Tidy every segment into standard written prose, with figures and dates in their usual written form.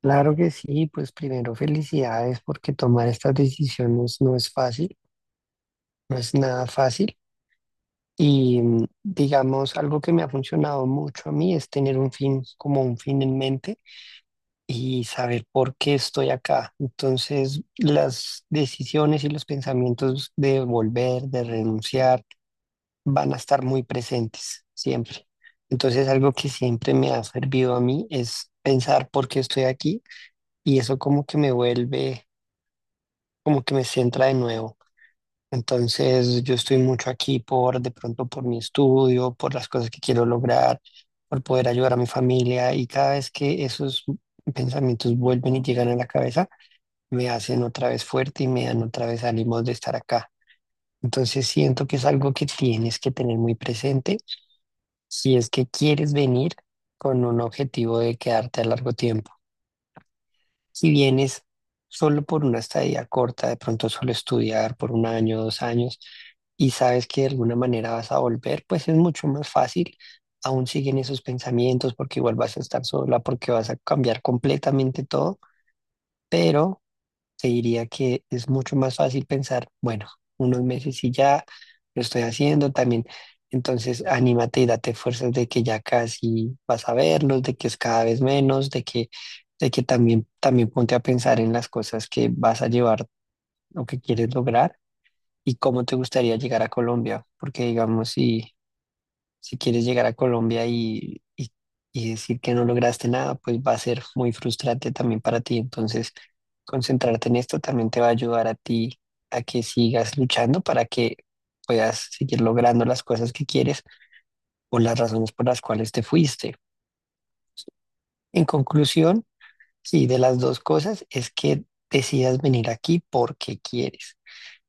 Claro que sí, pues primero felicidades porque tomar estas decisiones no es fácil, no es nada fácil. Y digamos, algo que me ha funcionado mucho a mí es tener un fin, como un fin en mente y saber por qué estoy acá. Entonces, las decisiones y los pensamientos de volver, de renunciar, van a estar muy presentes siempre. Entonces, algo que siempre me ha servido a mí es pensar por qué estoy aquí y eso como que me vuelve como que me centra de nuevo. Entonces, yo estoy mucho aquí por, de pronto, por mi estudio, por las cosas que quiero lograr, por poder ayudar a mi familia. Y cada vez que esos pensamientos vuelven y llegan a la cabeza, me hacen otra vez fuerte y me dan otra vez ánimos de estar acá. Entonces, siento que es algo que tienes que tener muy presente si es que quieres venir con un objetivo de quedarte a largo tiempo. Si vienes solo por una estadía corta, de pronto solo estudiar por un año, dos años, y sabes que de alguna manera vas a volver, pues es mucho más fácil. Aún siguen esos pensamientos porque igual vas a estar sola, porque vas a cambiar completamente todo, pero te diría que es mucho más fácil pensar, bueno, unos meses y ya lo estoy haciendo también. Entonces, anímate y date fuerzas de que ya casi vas a verlos, de que es cada vez menos, de que también, también ponte a pensar en las cosas que vas a llevar o que quieres lograr y cómo te gustaría llegar a Colombia, porque digamos, si quieres llegar a Colombia y decir que no lograste nada, pues va a ser muy frustrante también para ti. Entonces, concentrarte en esto también te va a ayudar a ti a que sigas luchando para que puedas seguir logrando las cosas que quieres o las razones por las cuales te fuiste. En conclusión, sí, de las dos cosas es que decidas venir aquí porque quieres.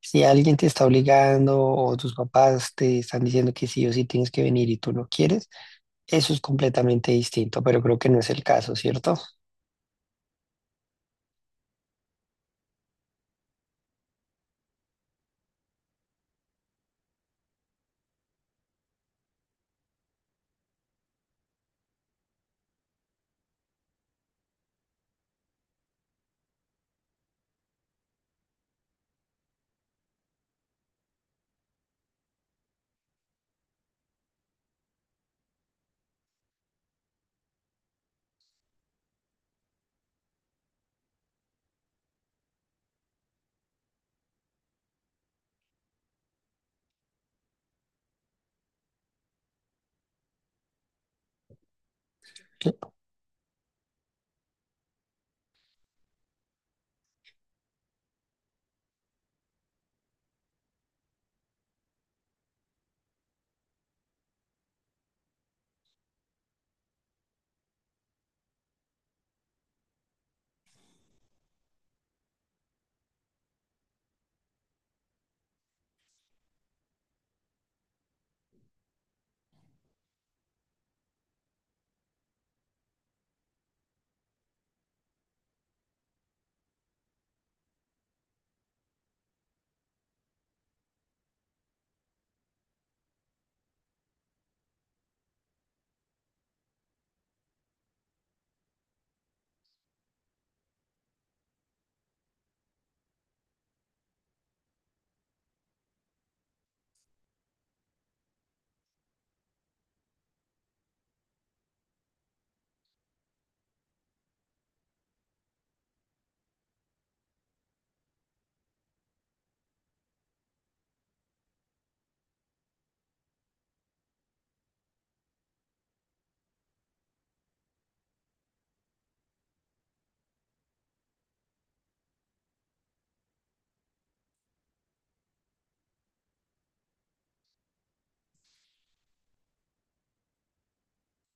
Si alguien te está obligando o tus papás te están diciendo que sí o sí tienes que venir y tú no quieres, eso es completamente distinto, pero creo que no es el caso, ¿cierto?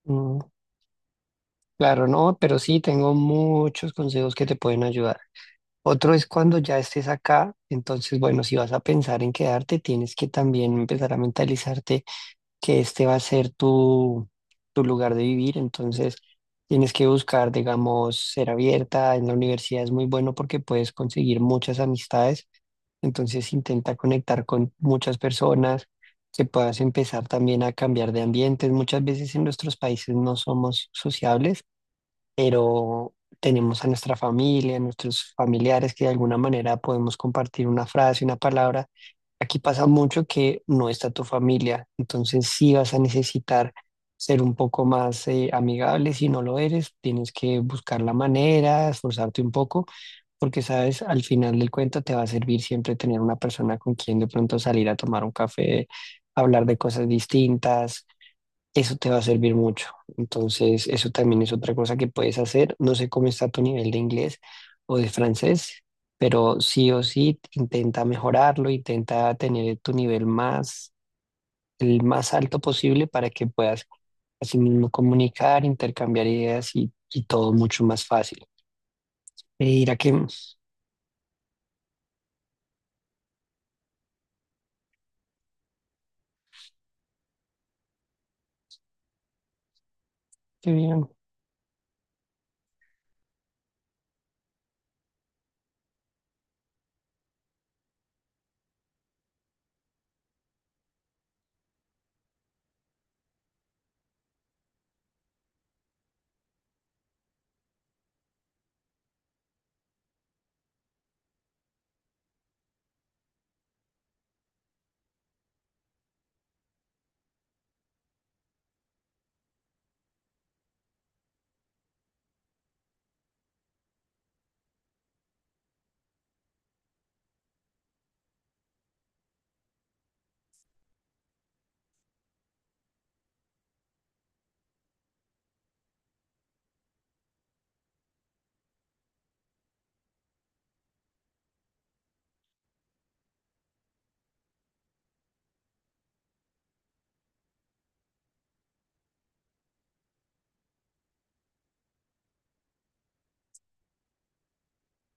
Mm, claro, no, pero sí tengo muchos consejos que te pueden ayudar. Otro es cuando ya estés acá, entonces, bueno, si vas a pensar en quedarte, tienes que también empezar a mentalizarte que este va a ser tu lugar de vivir, entonces tienes que buscar, digamos, ser abierta. En la universidad es muy bueno porque puedes conseguir muchas amistades. Entonces intenta conectar con muchas personas, que puedas empezar también a cambiar de ambientes. Muchas veces en nuestros países no somos sociables, pero tenemos a nuestra familia, a nuestros familiares que de alguna manera podemos compartir una frase, una palabra. Aquí pasa mucho que no está tu familia, entonces sí vas a necesitar ser un poco más amigable. Si no lo eres, tienes que buscar la manera, esforzarte un poco, porque sabes, al final del cuento te va a servir siempre tener una persona con quien de pronto salir a tomar un café, hablar de cosas distintas. Eso te va a servir mucho. Entonces, eso también es otra cosa que puedes hacer. No sé cómo está tu nivel de inglés o de francés, pero sí o sí intenta mejorarlo, intenta tener tu nivel más, el más alto posible para que puedas así mismo comunicar, intercambiar ideas y todo mucho más fácil. Y dirá que bien,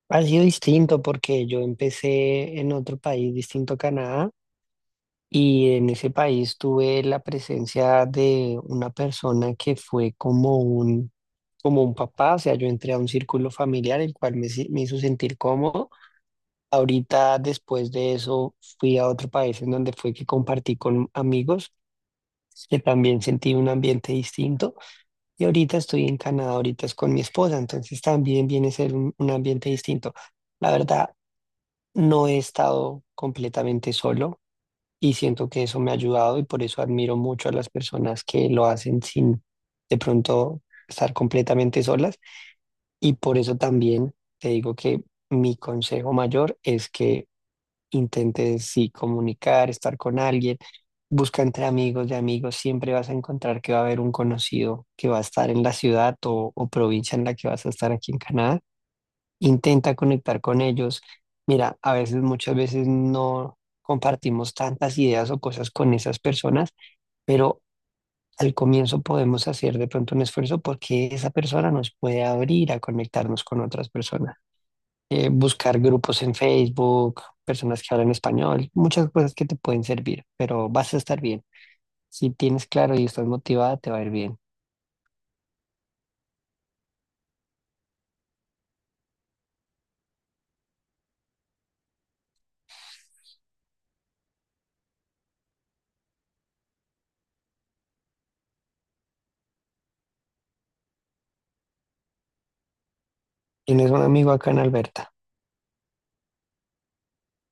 ha sido distinto porque yo empecé en otro país distinto a Canadá. Y en ese país tuve la presencia de una persona que fue como un papá, o sea, yo entré a un círculo familiar el cual me, si- me hizo sentir cómodo. Ahorita, después de eso, fui a otro país en donde fue que compartí con amigos, que también sentí un ambiente distinto. Y ahorita estoy en Canadá, ahorita es con mi esposa, entonces también viene a ser un ambiente distinto. La verdad, no he estado completamente solo y siento que eso me ha ayudado y por eso admiro mucho a las personas que lo hacen sin de pronto estar completamente solas y por eso también te digo que mi consejo mayor es que intentes sí comunicar, estar con alguien, busca entre amigos de amigos, siempre vas a encontrar que va a haber un conocido que va a estar en la ciudad o provincia en la que vas a estar aquí en Canadá. Intenta conectar con ellos. Mira, a veces, muchas veces no compartimos tantas ideas o cosas con esas personas, pero al comienzo podemos hacer de pronto un esfuerzo porque esa persona nos puede abrir a conectarnos con otras personas. Buscar grupos en Facebook, personas que hablan español, muchas cosas que te pueden servir, pero vas a estar bien. Si tienes claro y estás motivada, te va a ir bien. Tienes un amigo acá en Alberta.